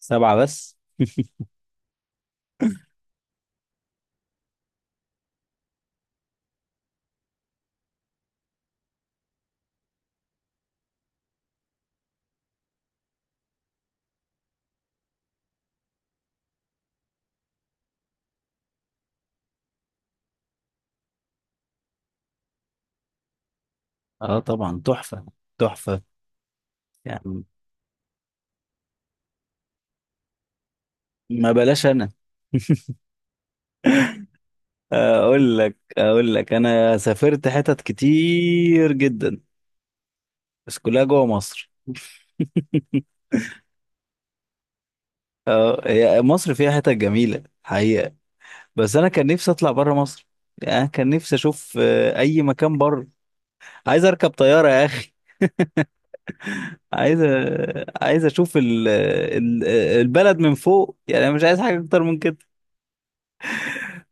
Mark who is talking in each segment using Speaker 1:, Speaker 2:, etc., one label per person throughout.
Speaker 1: سبعة بس. اه، طبعا تحفة. تحفة. يعني ما بلاش. انا اقول لك انا سافرت حتت كتير جدا، بس كلها جوه مصر. اه، هي مصر فيها حتت جميلة حقيقة، بس انا كان نفسي اطلع بره مصر. يعني أنا كان نفسي اشوف اي مكان بره. عايز اركب طيارة يا اخي. عايز اشوف البلد من فوق. يعني أنا مش عايز حاجة اكتر من كده.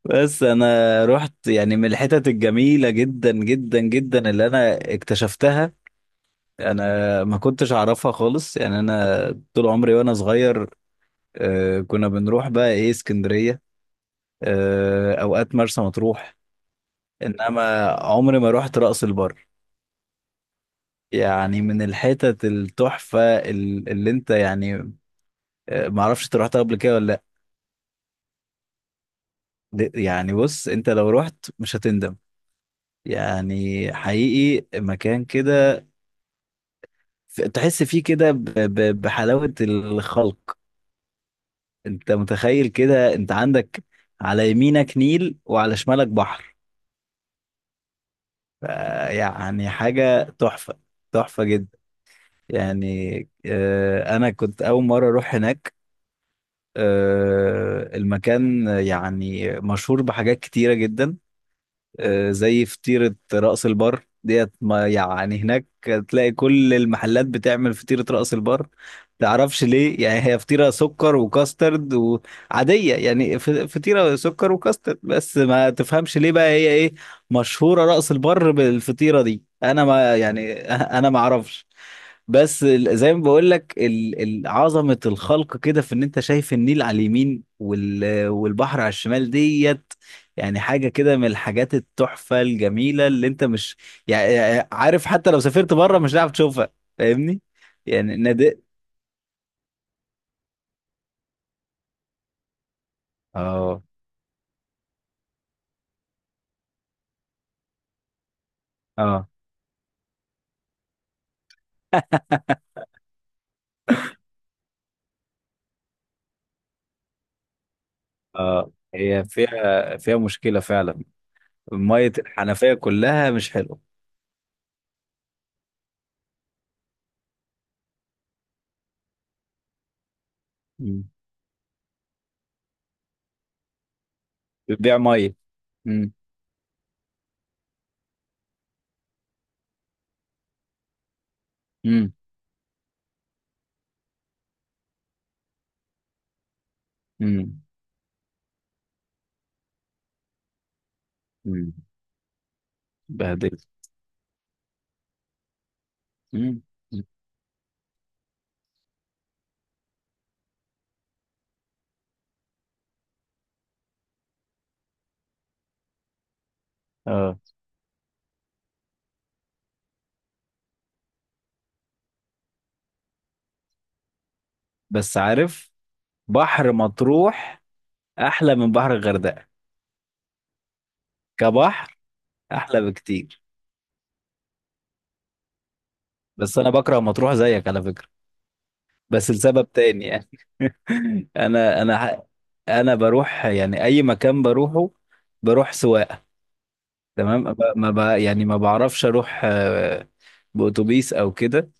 Speaker 1: بس انا رحت يعني من الحتت الجميله جدا جدا جدا اللي انا اكتشفتها. انا ما كنتش اعرفها خالص. يعني انا طول عمري وانا صغير كنا بنروح بقى ايه اسكندريه. اوقات مرسى مطروح. انما عمري ما رحت رأس البر. يعني من الحتت التحفه اللي انت يعني. ما اعرفش انت رحتها قبل كده ولا لا؟ يعني بص، انت لو رحت مش هتندم. يعني حقيقي مكان كده، تحس فيه كده بحلاوة الخلق. انت متخيل كده؟ انت عندك على يمينك نيل وعلى شمالك بحر. ف- يعني حاجة تحفة. تحفة جدا. يعني انا كنت اول مرة اروح هناك. المكان يعني مشهور بحاجات كتيرة جدا. زي فطيرة رأس البر ديت، ما يعني هناك تلاقي كل المحلات بتعمل فطيرة رأس البر. تعرفش ليه؟ يعني هي فطيرة سكر وكاسترد وعادية، يعني فطيرة سكر وكاسترد بس، ما تفهمش ليه بقى هي ايه مشهورة رأس البر بالفطيرة دي. انا ما يعني انا ما اعرفش. بس زي ما بقول لك عظمة الخلق كده، في ان انت شايف النيل على اليمين والبحر على الشمال ديت. يعني حاجة كده من الحاجات التحفة الجميلة اللي انت مش يعني عارف. حتى لو سافرت بره مش هتعرف تشوفها. فاهمني؟ يعني نادق. اه اه. اه، هي فيها مشكلة فعلا. مية الحنفية كلها مش حلوة. مم. بتبيع مية. مم. مم. مم. مم. بهدلت. مم. مم. اه. بس عارف، بحر مطروح أحلى من بحر الغردقة. كبحر، أحلى بكتير. بس أنا بكره مطروح زيك على فكرة، بس لسبب تاني يعني. انا انا ح- انا بروح يعني اي مكان بروحه، بروح سواقه. تمام، ما ب- ما ب- يعني ما بعرفش اروح باتوبيس او كده.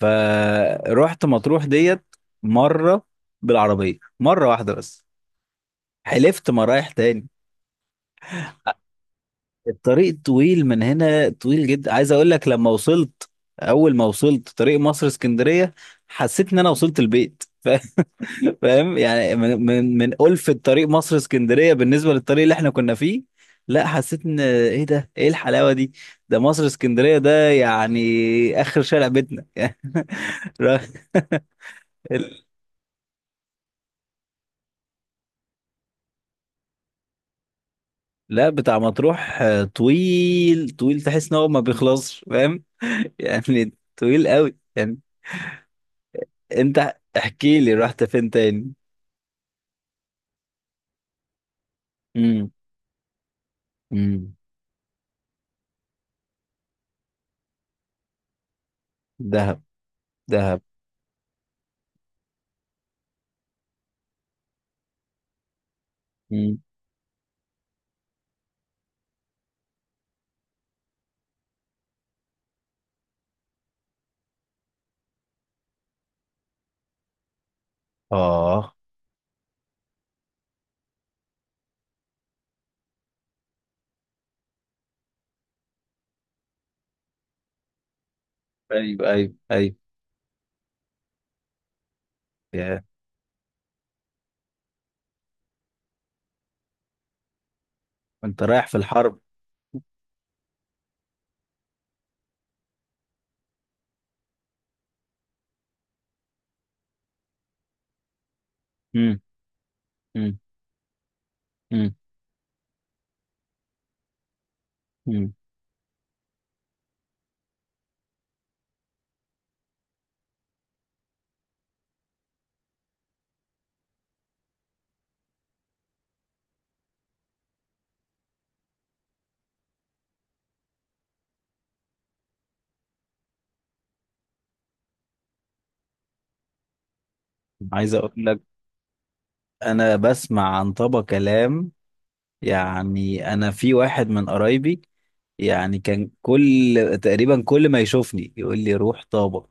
Speaker 1: فروحت مطروح ديت مره، بالعربيه مره واحده بس. حلفت ما رايح تاني. الطريق طويل من هنا، طويل جدا. عايز اقول لك، لما وصلت، اول ما وصلت طريق مصر اسكندريه، حسيت ان انا وصلت البيت. فاهم يعني، من ألفة طريق مصر اسكندرية بالنسبة للطريق اللي احنا كنا فيه. لا، حسيت ان ايه ده، ايه الحلاوة دي؟ ده مصر اسكندرية، ده يعني اخر شارع بيتنا. ر- ال- لا، بتاع مطروح طويل طويل، تحس ان هو ما بيخلصش، فاهم؟ يعني طويل قوي يعني. انت احكي لي رحت فين تاني؟ امم. امم. دهب. دهب. امم. اه. ايوه، ايوه، ايوه. يا، انت رايح في الحرب؟ مم. مم. مم. عايز اقول لك، انا بسمع عن طبق كلام، يعني انا في واحد من قرايبي يعني، كان كل تقريبا، كل ما يشوفني يقول لي روح طابة،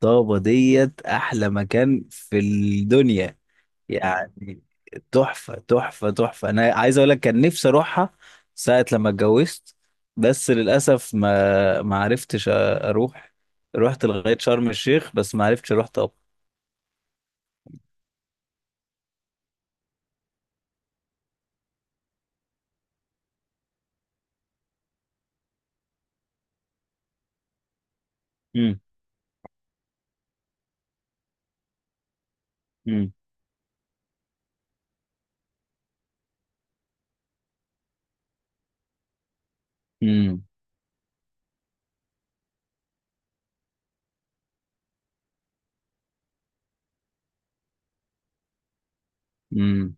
Speaker 1: طابة ديت احلى مكان في الدنيا. يعني تحفة تحفة تحفة، انا عايز اقول لك كان نفسي اروحها ساعة لما اتجوزت، بس للاسف ما عرفتش اروح. رحت لغاية شرم الشيخ بس ما عرفتش اروح طابة. مم. امم. امم.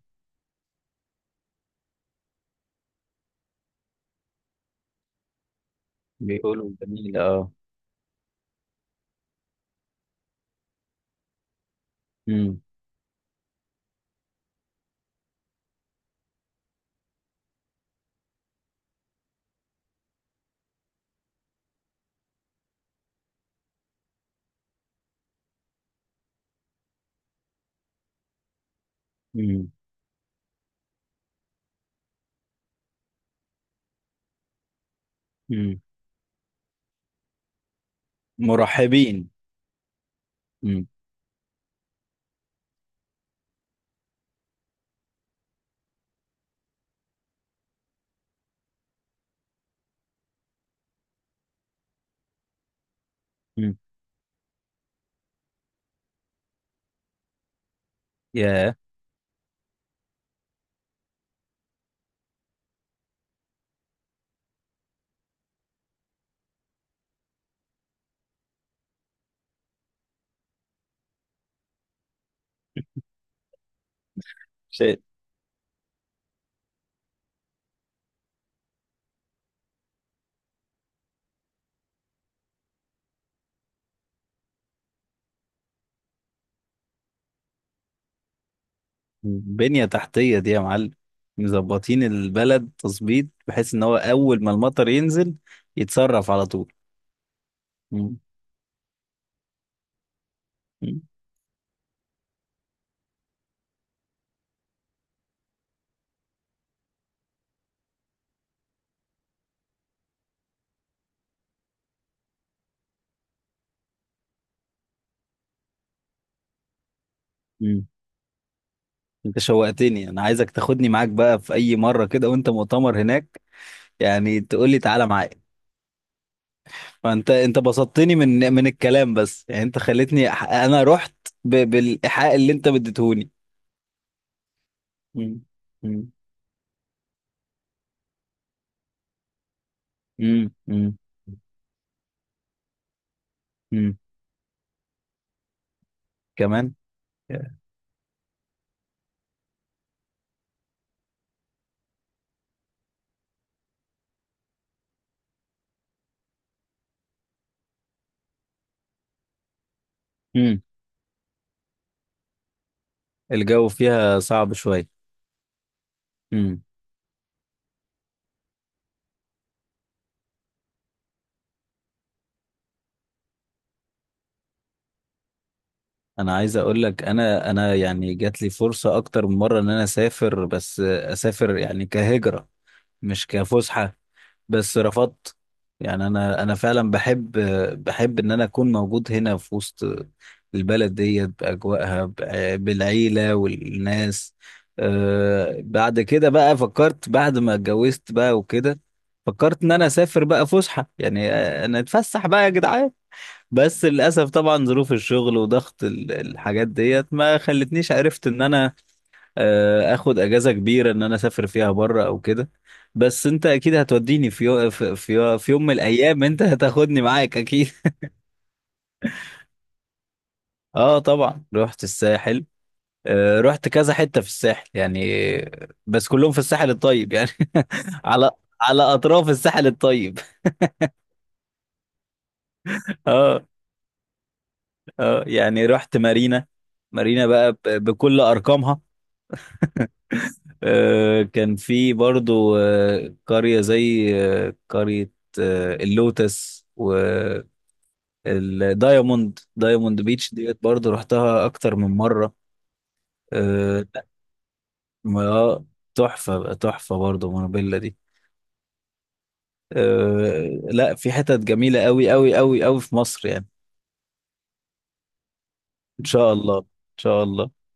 Speaker 1: بيقولوا جميل، اه. امم. امم. امم. مرحبين. امم. امم. يا شيء. بنية تحتية دي يا معلم. مظبطين البلد تظبيط بحيث ان هو اول ما المطر ينزل، يتصرف على طول. امم. امم. امم. انت شوقتني، انا عايزك تاخدني معاك بقى في اي مرة كده وانت مؤتمر هناك. يعني تقول لي تعالى معايا. فانت بسطتني من الكلام بس، يعني انت خلتني انا رحت بالايحاء اللي انت بديتهوني. مم. مم. مم. مم. مم. كمان. مم. الجو فيها صعب شوية. مم. انا عايز اقول لك، انا يعني جات لي فرصة اكتر من مرة ان انا اسافر، بس اسافر يعني كهجرة مش كفسحة. بس رفضت. يعني انا فعلا بحب ان انا اكون موجود هنا في وسط البلد دي باجواءها، بالعيله والناس. بعد كده بقى فكرت بعد ما اتجوزت بقى وكده. فكرت ان انا اسافر بقى فسحه. يعني انا اتفسح بقى يا جدعان. بس للاسف طبعا ظروف الشغل وضغط الحاجات ديت ما خلتنيش عرفت ان انا اخد اجازه كبيره ان انا اسافر فيها بره او كده. بس انت اكيد هتوديني في يوم من الايام، انت هتاخدني معاك اكيد. اه، طبعا رحت الساحل. رحت كذا حته في الساحل، يعني بس كلهم في الساحل الطيب يعني. على على اطراف الساحل الطيب. اه. اه، يعني رحت مارينا. مارينا بقى بكل ارقامها. كان في برضو قريه زي قريه اللوتس و دايموند بيتش ديت برضه رحتها اكتر من مره. آه لا، ما- آه، تحفه تحفه برضه مونوبيلا دي. لا، في حتت جميله قوي قوي قوي قوي في مصر يعني. ان شاء الله. ان شاء الله.